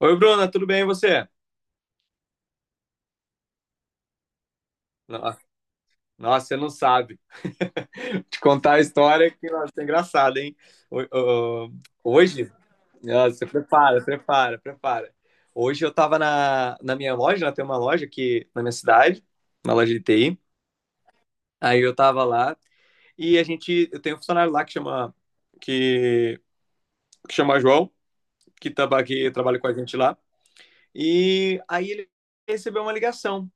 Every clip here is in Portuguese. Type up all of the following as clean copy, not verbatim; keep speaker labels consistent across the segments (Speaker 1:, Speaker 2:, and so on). Speaker 1: Oi, Bruna, tudo bem e você? No- Nossa, você não sabe. Te contar a história que nossa, é engraçada, hein? Ho- ho- Hoje, nossa, você prepara. Hoje eu tava na minha loja, né? Tem uma loja aqui na minha cidade, uma loja de TI. Aí eu tava lá e a gente, eu tenho um funcionário lá que que, que chama João, que trabalha com a gente lá. E aí ele recebeu uma ligação.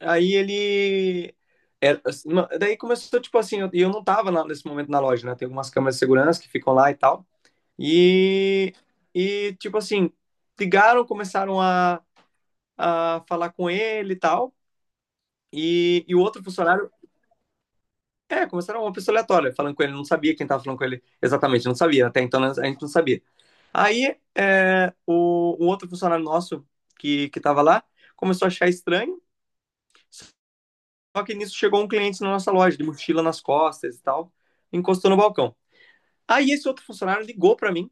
Speaker 1: Aí ele. Daí começou, tipo assim, e eu não tava nesse momento na loja, né? Tem algumas câmeras de segurança que ficam lá e tal. E, e tipo assim, ligaram, a falar com ele e tal. E o outro funcionário, é, começaram uma pessoa aleatória, falando com ele, não sabia quem tava falando com ele exatamente, não sabia, até então, né, a gente não sabia. O outro funcionário nosso que tava lá começou a achar estranho. Só que nisso chegou um cliente na nossa loja, de mochila nas costas e tal, encostou no balcão. Aí esse outro funcionário ligou para mim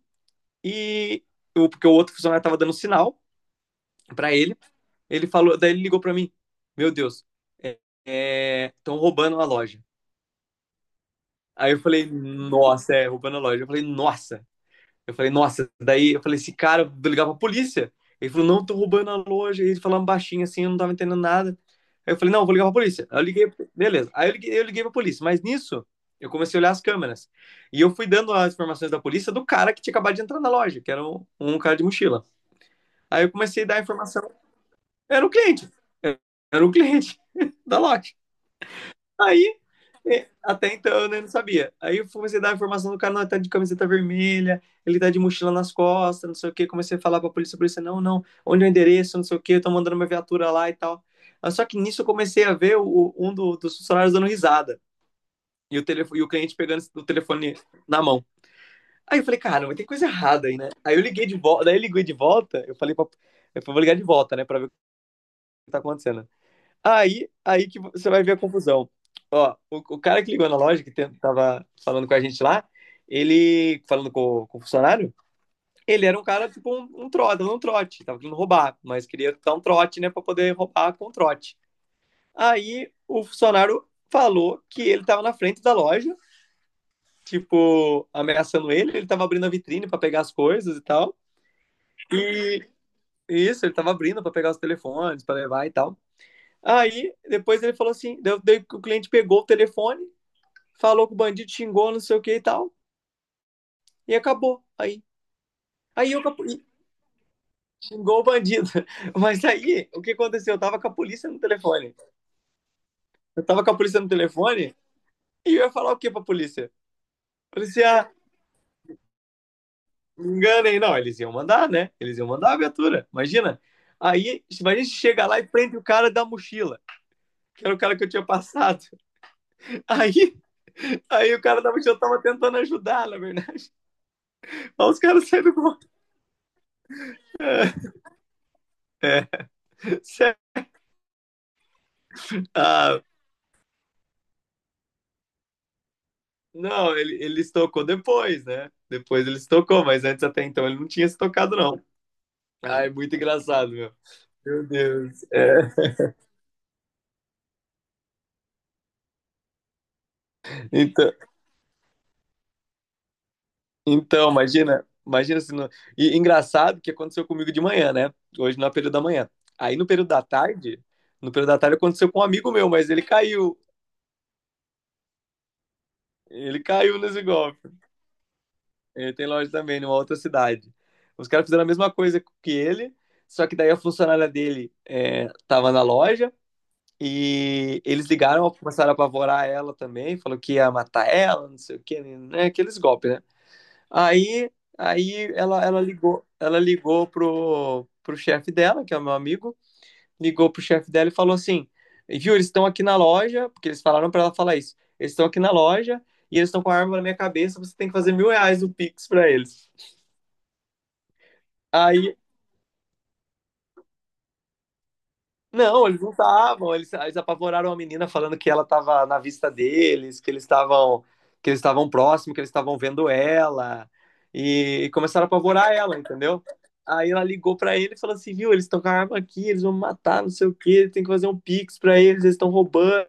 Speaker 1: e eu, porque o outro funcionário tava dando sinal para ele, ele falou, daí ele ligou para mim, meu Deus, estão tão roubando a loja. Aí eu falei, nossa, é, roubando a loja. Eu falei, nossa. Eu falei, nossa, daí eu falei, esse cara, eu vou ligar pra polícia. Ele falou, não, tô roubando a loja. Ele falando baixinho assim, eu não tava entendendo nada. Aí eu falei, não, vou ligar pra polícia. Aí eu liguei, beleza. Eu liguei pra polícia, mas nisso eu comecei a olhar as câmeras. E eu fui dando as informações da polícia do cara que tinha acabado de entrar na loja, que era um cara de mochila. Aí eu comecei a dar a informação. Era o cliente. Era o cliente da loja. Aí até então, né, eu não sabia. Aí eu comecei a dar a informação do cara, não, ele tá de camiseta vermelha, ele tá de mochila nas costas, não sei o quê. Comecei a falar pra polícia, a polícia, não, não, onde é o endereço, não sei o quê, eu tô mandando uma viatura lá e tal. Só que nisso eu comecei a ver um dos funcionários dando risada e o cliente pegando o telefone na mão. Aí eu falei, cara, mas tem coisa errada aí, né? Aí eu liguei de volta, eu falei pra, eu falei, vou ligar de volta, né, pra ver o que tá acontecendo. Aí que você vai ver a confusão. Ó, o cara que ligou na loja, que tava falando com a gente lá, ele, falando com, com o funcionário, ele era um cara, tipo, um trote, dando um trote. Tava querendo roubar, mas queria dar um trote, né, pra poder roubar com trote. Aí o funcionário falou que ele tava na frente da loja, tipo, ameaçando ele. Ele tava abrindo a vitrine pra pegar as coisas e tal. E isso, ele tava abrindo pra pegar os telefones, pra levar e tal. Aí, depois ele falou assim, daí o cliente pegou o telefone, falou que o bandido xingou, não sei o que e tal, e acabou. Aí eu capu- xingou o bandido. Mas aí, o que aconteceu? Eu tava com a polícia no telefone. Eu tava com a polícia no telefone e eu ia falar o que pra polícia? Polícia, me enganem. Não, eles iam mandar, né? Eles iam mandar a viatura, imagina. Aí, imagina se chega lá e prende o cara da mochila, que era o cara que eu tinha passado. Aí, aí o cara da mochila tava tentando ajudar, na verdade. Aí os caras saíram com... É, é, sério. Ah, Não, ele se tocou depois, né? Depois ele se tocou, mas antes até então ele não tinha se tocado, não. Ai, muito engraçado, meu. Meu Deus. É. Então, então, imagina, imagina se não... E engraçado que aconteceu comigo de manhã, né? Hoje não é período da manhã. Aí no período da tarde, no período da tarde aconteceu com um amigo meu, mas ele caiu. Ele caiu nesse golpe. Ele tem loja também, numa outra cidade. Os caras fizeram a mesma coisa que ele, só que daí a funcionária dele, é, tava na loja. E eles ligaram, começaram a apavorar ela também, falou que ia matar ela, não sei o que, né? Aqueles golpes, né? Aí, ela ligou, pro chefe dela, que é o meu amigo, ligou pro chefe dela e falou assim: viu, eles estão aqui na loja, porque eles falaram para ela falar isso, eles estão aqui na loja e eles estão com a arma na minha cabeça, você tem que fazer R$ 1.000 no Pix pra eles. Aí Não, eles não estavam. Eles apavoraram a menina falando que ela estava na vista deles, que eles estavam próximos, que eles estavam vendo ela e começaram a apavorar ela, entendeu? Aí ela ligou pra ele e falou assim, viu, eles estão com a arma aqui, eles vão me matar, não sei o quê, tem que fazer um pix pra eles, eles estão roubando.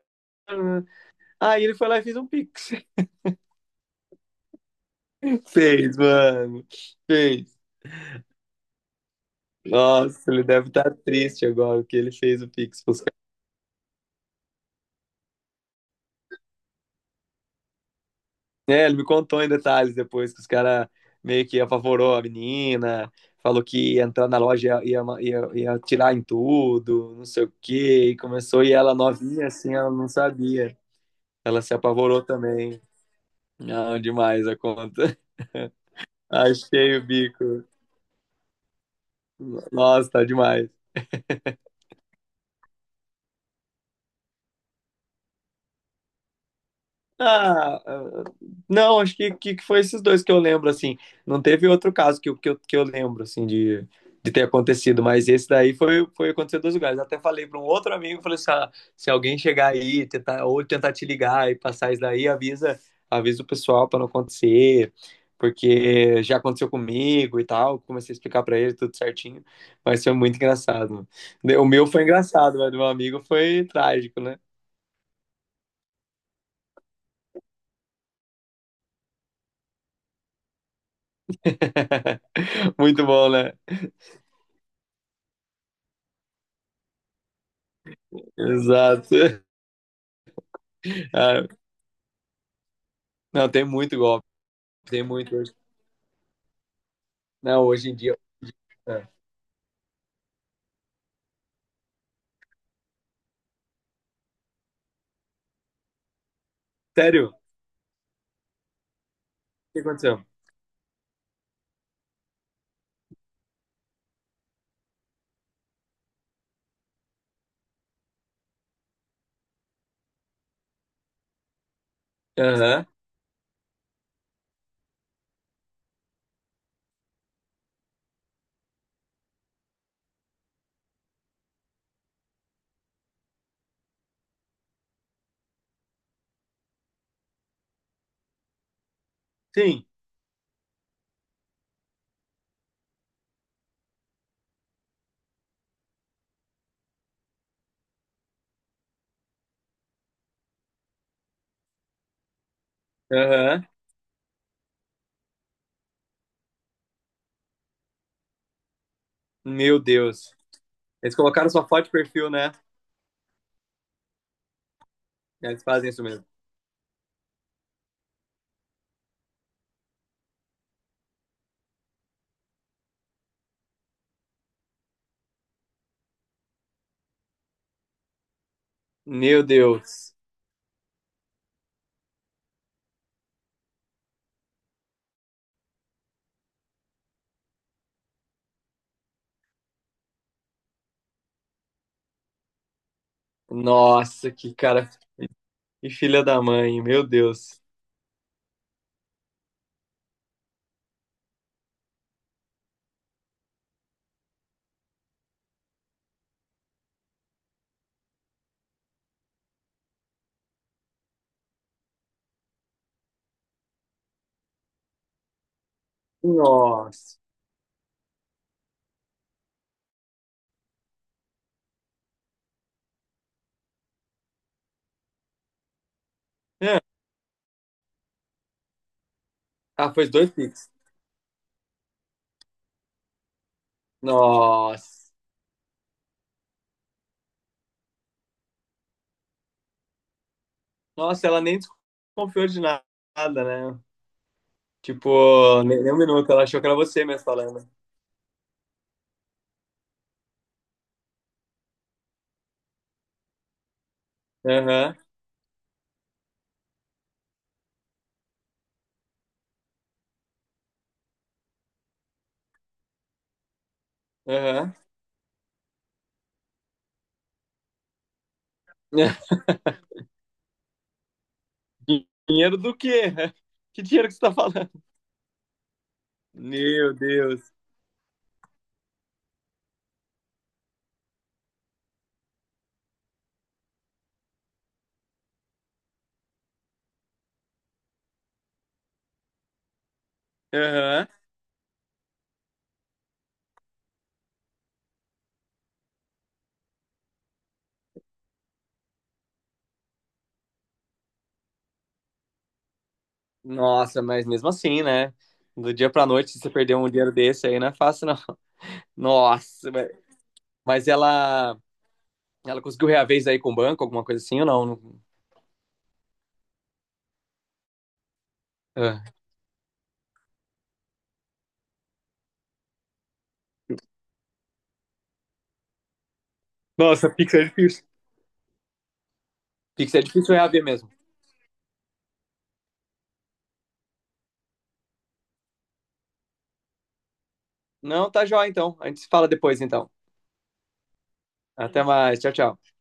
Speaker 1: Aí ele foi lá e fez um pix. Fez, mano. Fez. Nossa, ele deve estar triste agora que ele fez o pix pros... É, ele me contou em detalhes depois que os caras meio que apavorou a menina, falou que ia entrar na loja e ia tirar em tudo, não sei o quê, e começou, e ela novinha assim, ela não sabia. Ela se apavorou também. Não, demais a conta. Achei o bico. Nossa, tá demais. Ah, ah, não, acho que, que foi esses dois que eu lembro, assim. Não teve outro caso que, que eu lembro, assim, de ter acontecido, mas esse daí foi, foi acontecer em dois lugares. Até falei para um outro amigo, falei assim, ah, se alguém chegar aí, tentar, ou tentar te ligar e passar isso daí, avisa, avisa o pessoal para não acontecer, porque já aconteceu comigo e tal. Comecei a explicar para ele tudo certinho, mas foi muito engraçado. O meu foi engraçado, mas do meu amigo foi trágico, né? Muito bom, né? Exato. Ah, não, tem muito golpe. Tem muito hoje. Não, hoje em dia. ah, Sério? O que aconteceu? Aham. Sim. Aham. Meu Deus. Eles colocaram sua foto de perfil, né? Eles fazem isso mesmo. Meu Deus. Nossa, que cara. Que filha da mãe. Meu Deus. Nossa. É. Ah, tá, foi 2 Pix. Nossa. Nossa, ela nem desconfiou de nada, né? Tipo, nem um minuto. Ela achou que era você mesmo falando. Aham. Aham. Dinheiro do quê? Que dinheiro que você tá falando? Meu Deus. Aham. Nossa, mas mesmo assim, né? Do dia pra noite, se você perder um dinheiro desse aí, não é fácil, não. Nossa, mas mas ela, ela conseguiu reaver isso aí com o banco, alguma coisa assim ou não? Ah. Nossa, Pix é difícil. Pix é difícil reaver mesmo. Não, tá joia então. A gente se fala depois então. Até mais. Tchau, tchau.